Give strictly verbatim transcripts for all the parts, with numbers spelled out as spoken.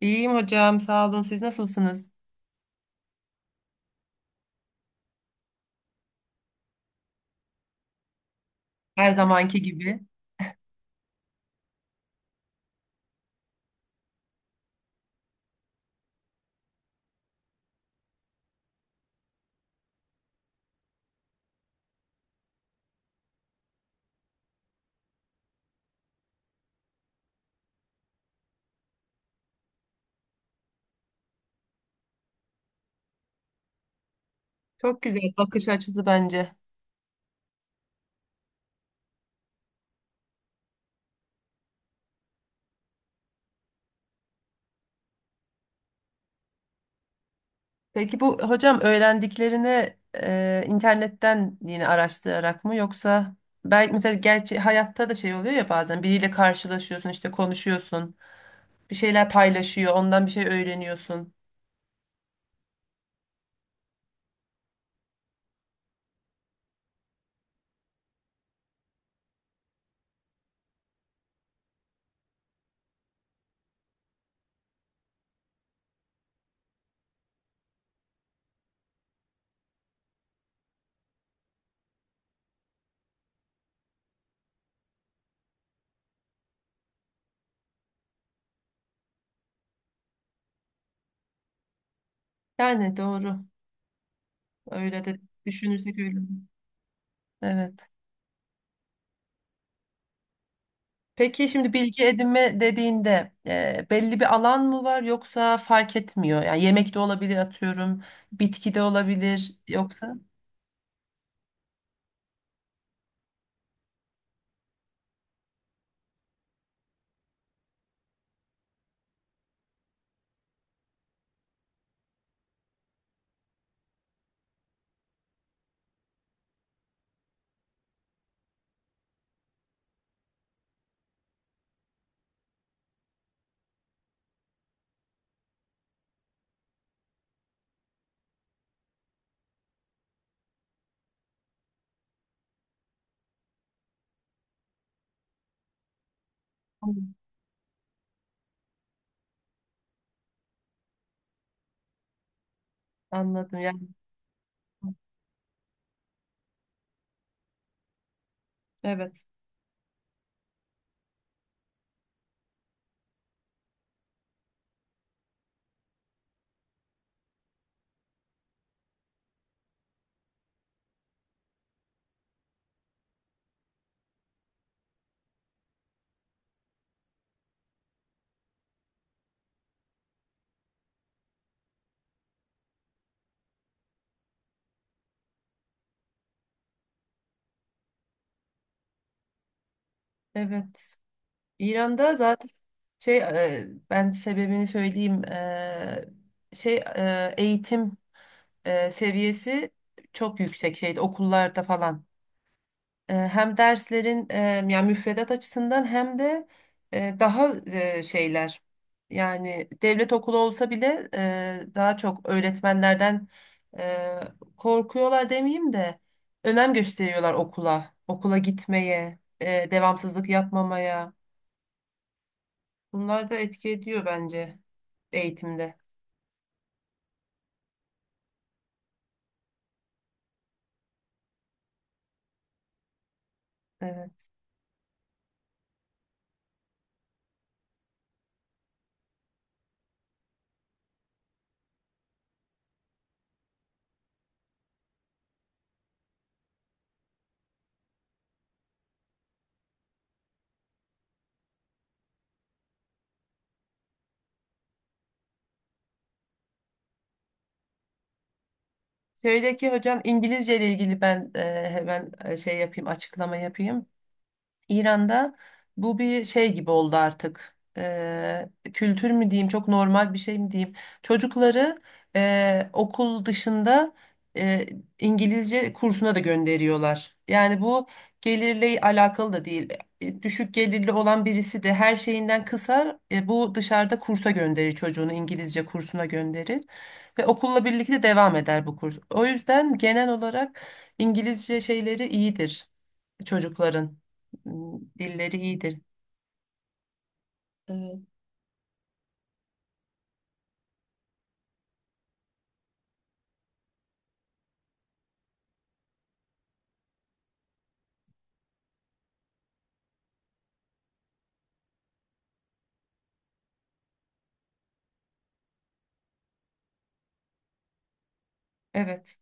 İyiyim hocam, sağ olun. Siz nasılsınız? Her zamanki gibi. Çok güzel bakış açısı bence. Peki bu hocam öğrendiklerini e, internetten yine araştırarak mı yoksa belki mesela gerçi hayatta da şey oluyor ya bazen biriyle karşılaşıyorsun işte konuşuyorsun bir şeyler paylaşıyor ondan bir şey öğreniyorsun. Yani doğru öyle de düşünürsek öyle. Evet. Peki şimdi bilgi edinme dediğinde e, belli bir alan mı var yoksa fark etmiyor? Yani yemek de olabilir atıyorum, bitki de olabilir yoksa. Hmm. Anladım yani. Evet, evet. İran'da zaten şey e, ben sebebini söyleyeyim. E, şey e, eğitim e, seviyesi çok yüksek şeyde okullarda falan. E, hem derslerin e, yani müfredat açısından hem de e, daha e, şeyler yani devlet okulu olsa bile e, daha çok öğretmenlerden e, korkuyorlar demeyeyim de önem gösteriyorlar okula, okula gitmeye, e, devamsızlık yapmamaya. Bunlar da etki ediyor bence eğitimde. Evet. Şöyle ki hocam İngilizce ile ilgili ben e, hemen e, şey yapayım açıklama yapayım. İran'da bu bir şey gibi oldu artık. Eee, kültür mü diyeyim, çok normal bir şey mi diyeyim. Çocukları eee, okul dışında eee, İngilizce kursuna da gönderiyorlar. Yani bu gelirle alakalı da değil. E, Düşük gelirli olan birisi de her şeyinden kısar. E, bu dışarıda kursa gönderir çocuğunu, İngilizce kursuna gönderir. Ve okulla birlikte devam eder bu kurs. O yüzden genel olarak İngilizce şeyleri iyidir çocukların m, dilleri iyidir. Evet. Evet.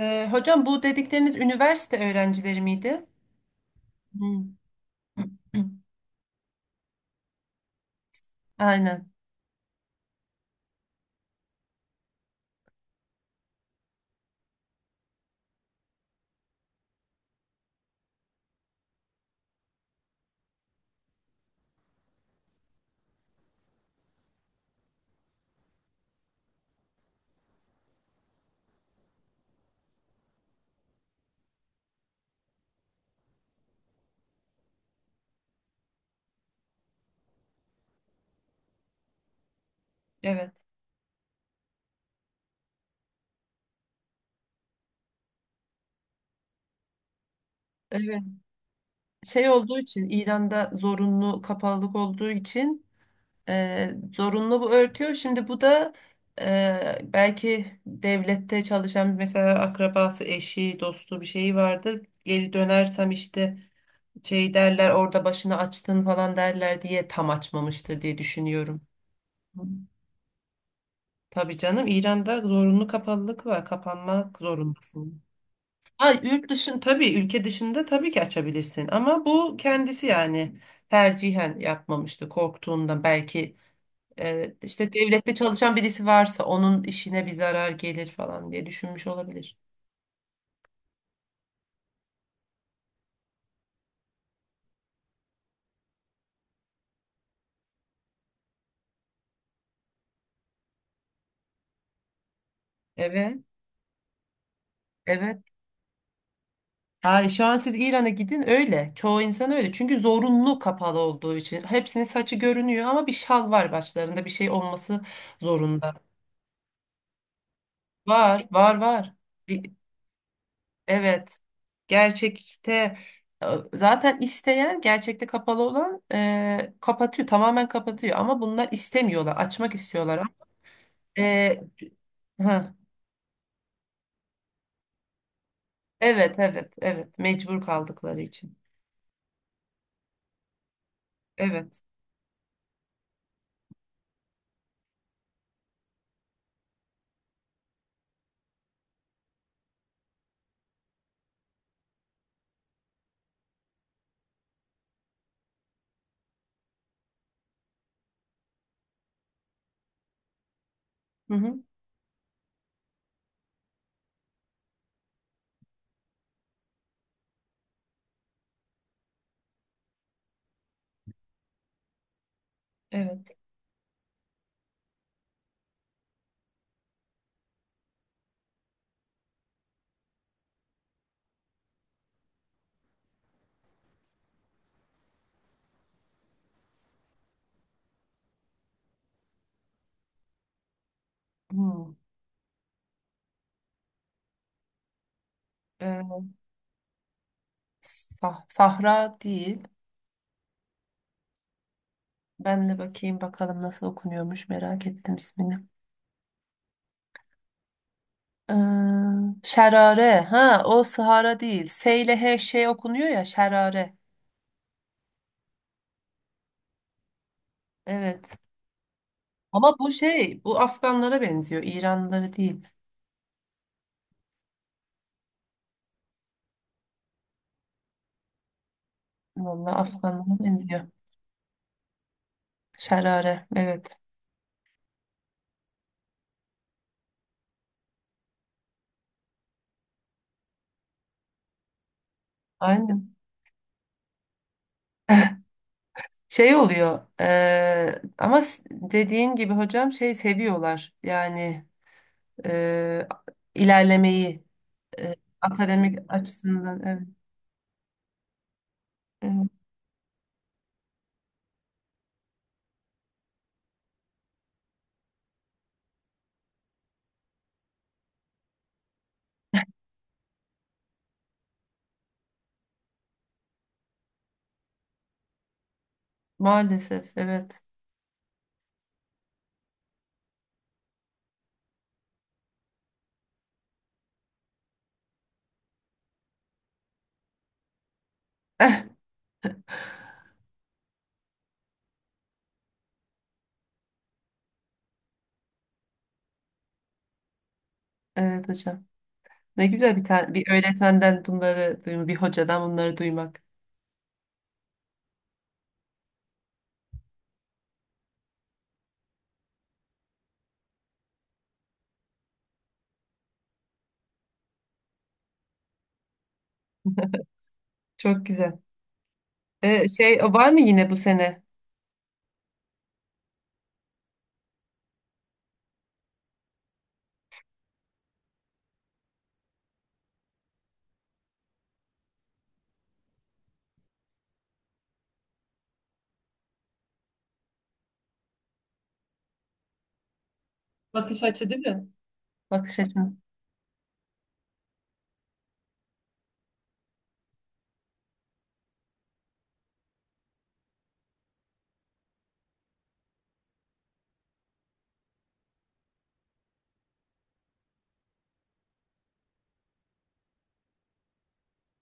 Ee, hocam bu dedikleriniz üniversite öğrencileri miydi? Hmm. Aynen. Evet. Evet. Şey olduğu için İran'da zorunlu kapalılık olduğu için e, zorunlu bu örtüyor. Şimdi bu da e, belki devlette çalışan mesela akrabası, eşi, dostu bir şeyi vardır. Geri dönersem işte şey derler orada başını açtın falan derler diye tam açmamıştır diye düşünüyorum. Tabii canım, İran'da zorunlu kapalılık var. Kapanmak zorundasın. Ha, yurt dışın tabii, ülke dışında tabii ki açabilirsin ama bu kendisi yani tercihen yapmamıştı korktuğundan belki e, işte devlette çalışan birisi varsa onun işine bir zarar gelir falan diye düşünmüş olabilir. Evet. Evet. Ha, şu an siz İran'a gidin öyle. Çoğu insan öyle. Çünkü zorunlu kapalı olduğu için. Hepsinin saçı görünüyor ama bir şal var başlarında. Bir şey olması zorunda. Var, var, var. Bir- Evet. Gerçekte e, zaten isteyen gerçekte kapalı olan e, kapatıyor. Tamamen kapatıyor. Ama bunlar istemiyorlar. Açmak istiyorlar. Ama E, ha, evet, evet, evet. Mecbur kaldıkları için. Evet. Hı hı, evet. Hmm. E, sah- Sahra değil. Ben de bakayım bakalım nasıl okunuyormuş, merak ettim ismini. Ee, Şerare. Ha, o Sahara değil. S ile H şey okunuyor ya, Şerare. Evet. Ama bu şey, bu Afganlara benziyor. İranlıları değil. Vallahi Afganlara benziyor. Şerare. Evet. Aynen. Şey oluyor. Ee, ama s- dediğin gibi hocam şey seviyorlar. Yani ee, ilerlemeyi, ee, akademik açısından. Evet. Evet. Maalesef evet. Evet hocam. Ne güzel bir tane bir öğretmenden bunları duymak, bir hocadan bunları duymak. Çok güzel. Ee, şey, o var mı yine bu sene? Bakış açı değil mi? Bakış açınız.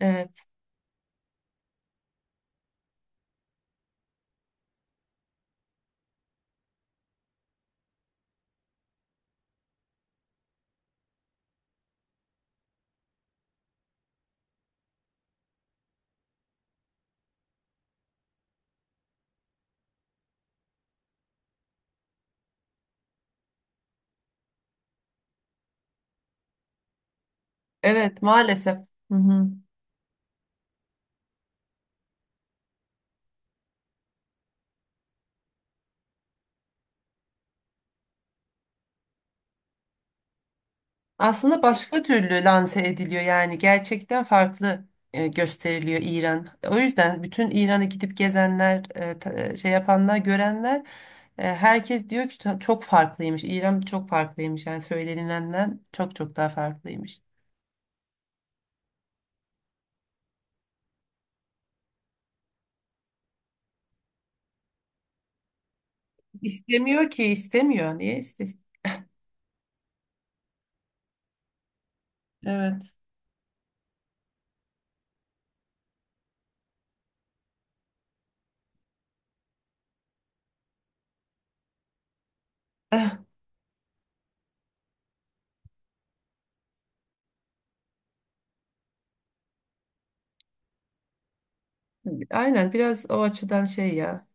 Evet. Evet, maalesef. Hı hı. Aslında başka türlü lanse ediliyor, yani gerçekten farklı e, gösteriliyor İran. O yüzden bütün İran'ı gidip gezenler, e, ta- e, şey yapanlar, görenler, e, herkes diyor ki çok farklıymış. İran çok farklıymış yani söylenilenden çok çok daha farklıymış. İstemiyor ki, istemiyor. Niye istesin? Evet. Eh. Aynen, biraz o açıdan şey ya,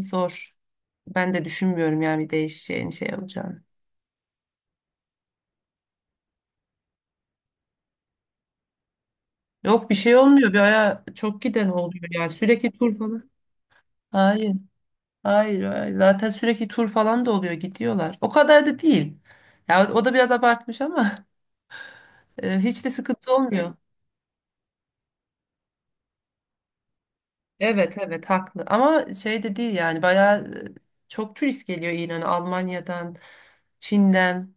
zor. Ben de düşünmüyorum yani bir değişeceğini, şey olacağını. Yok, bir şey olmuyor. Bir aya çok giden oluyor, yani sürekli tur falan. Hayır, hayır, hayır. Zaten sürekli tur falan da oluyor, gidiyorlar. O kadar da değil. Ya o da biraz abartmış ama e, hiç de sıkıntı olmuyor. Evet, evet, haklı ama şey de değil yani bayağı e, çok turist geliyor İran'a, Almanya'dan, Çin'den.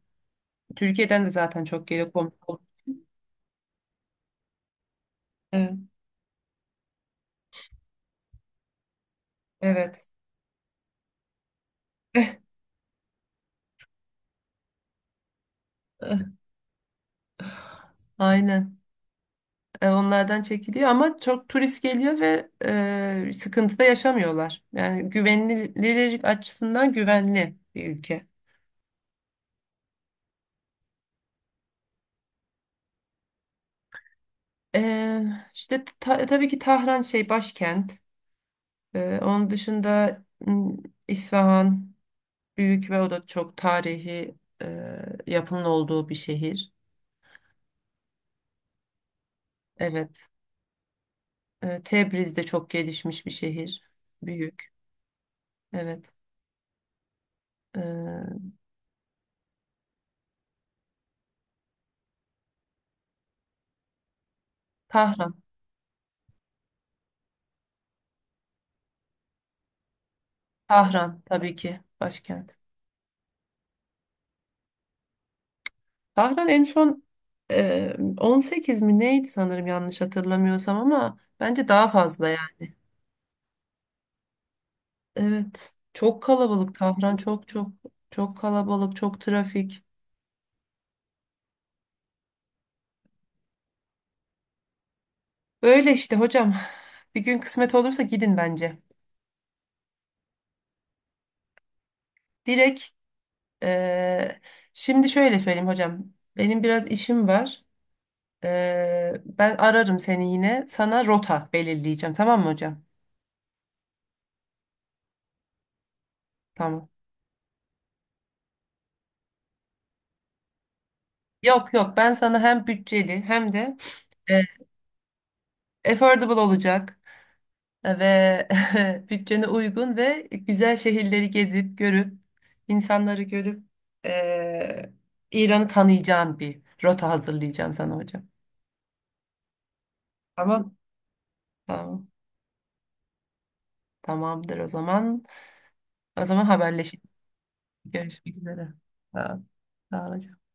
Türkiye'den de zaten çok geliyor, komşu. Evet. Evet. Aynen. E, Onlardan çekiliyor ama çok turist geliyor ve e, sıkıntı da yaşamıyorlar. Yani güvenilir açısından güvenli bir ülke. E, işte ta- tabii ki Tahran şey, başkent. E, onun dışında m, İsfahan büyük ve o da çok tarihi e, yapının olduğu bir şehir. Evet. E, Tebriz de çok gelişmiş bir şehir. Büyük. Evet. Ee, Tahran. Tahran tabii ki başkent. Tahran en son e, on sekiz mi neydi sanırım, yanlış hatırlamıyorsam, ama bence daha fazla yani. Evet. Çok kalabalık Tahran, çok çok çok kalabalık, çok trafik. Böyle işte hocam bir gün kısmet olursa gidin bence. Direkt e, şimdi şöyle söyleyeyim hocam, benim biraz işim var. E, ben ararım seni, yine sana rota belirleyeceğim, tamam mı hocam? Tamam. Yok yok, ben sana hem bütçeli hem de e, affordable olacak e, ve bütçene uygun ve güzel şehirleri gezip görüp insanları görüp e, İran'ı tanıyacağın bir rota hazırlayacağım sana hocam. Tamam. Tamam. Tamamdır o zaman. O zaman haberleşelim. Görüşmek üzere. Sağ ol. Sağ ol hocam.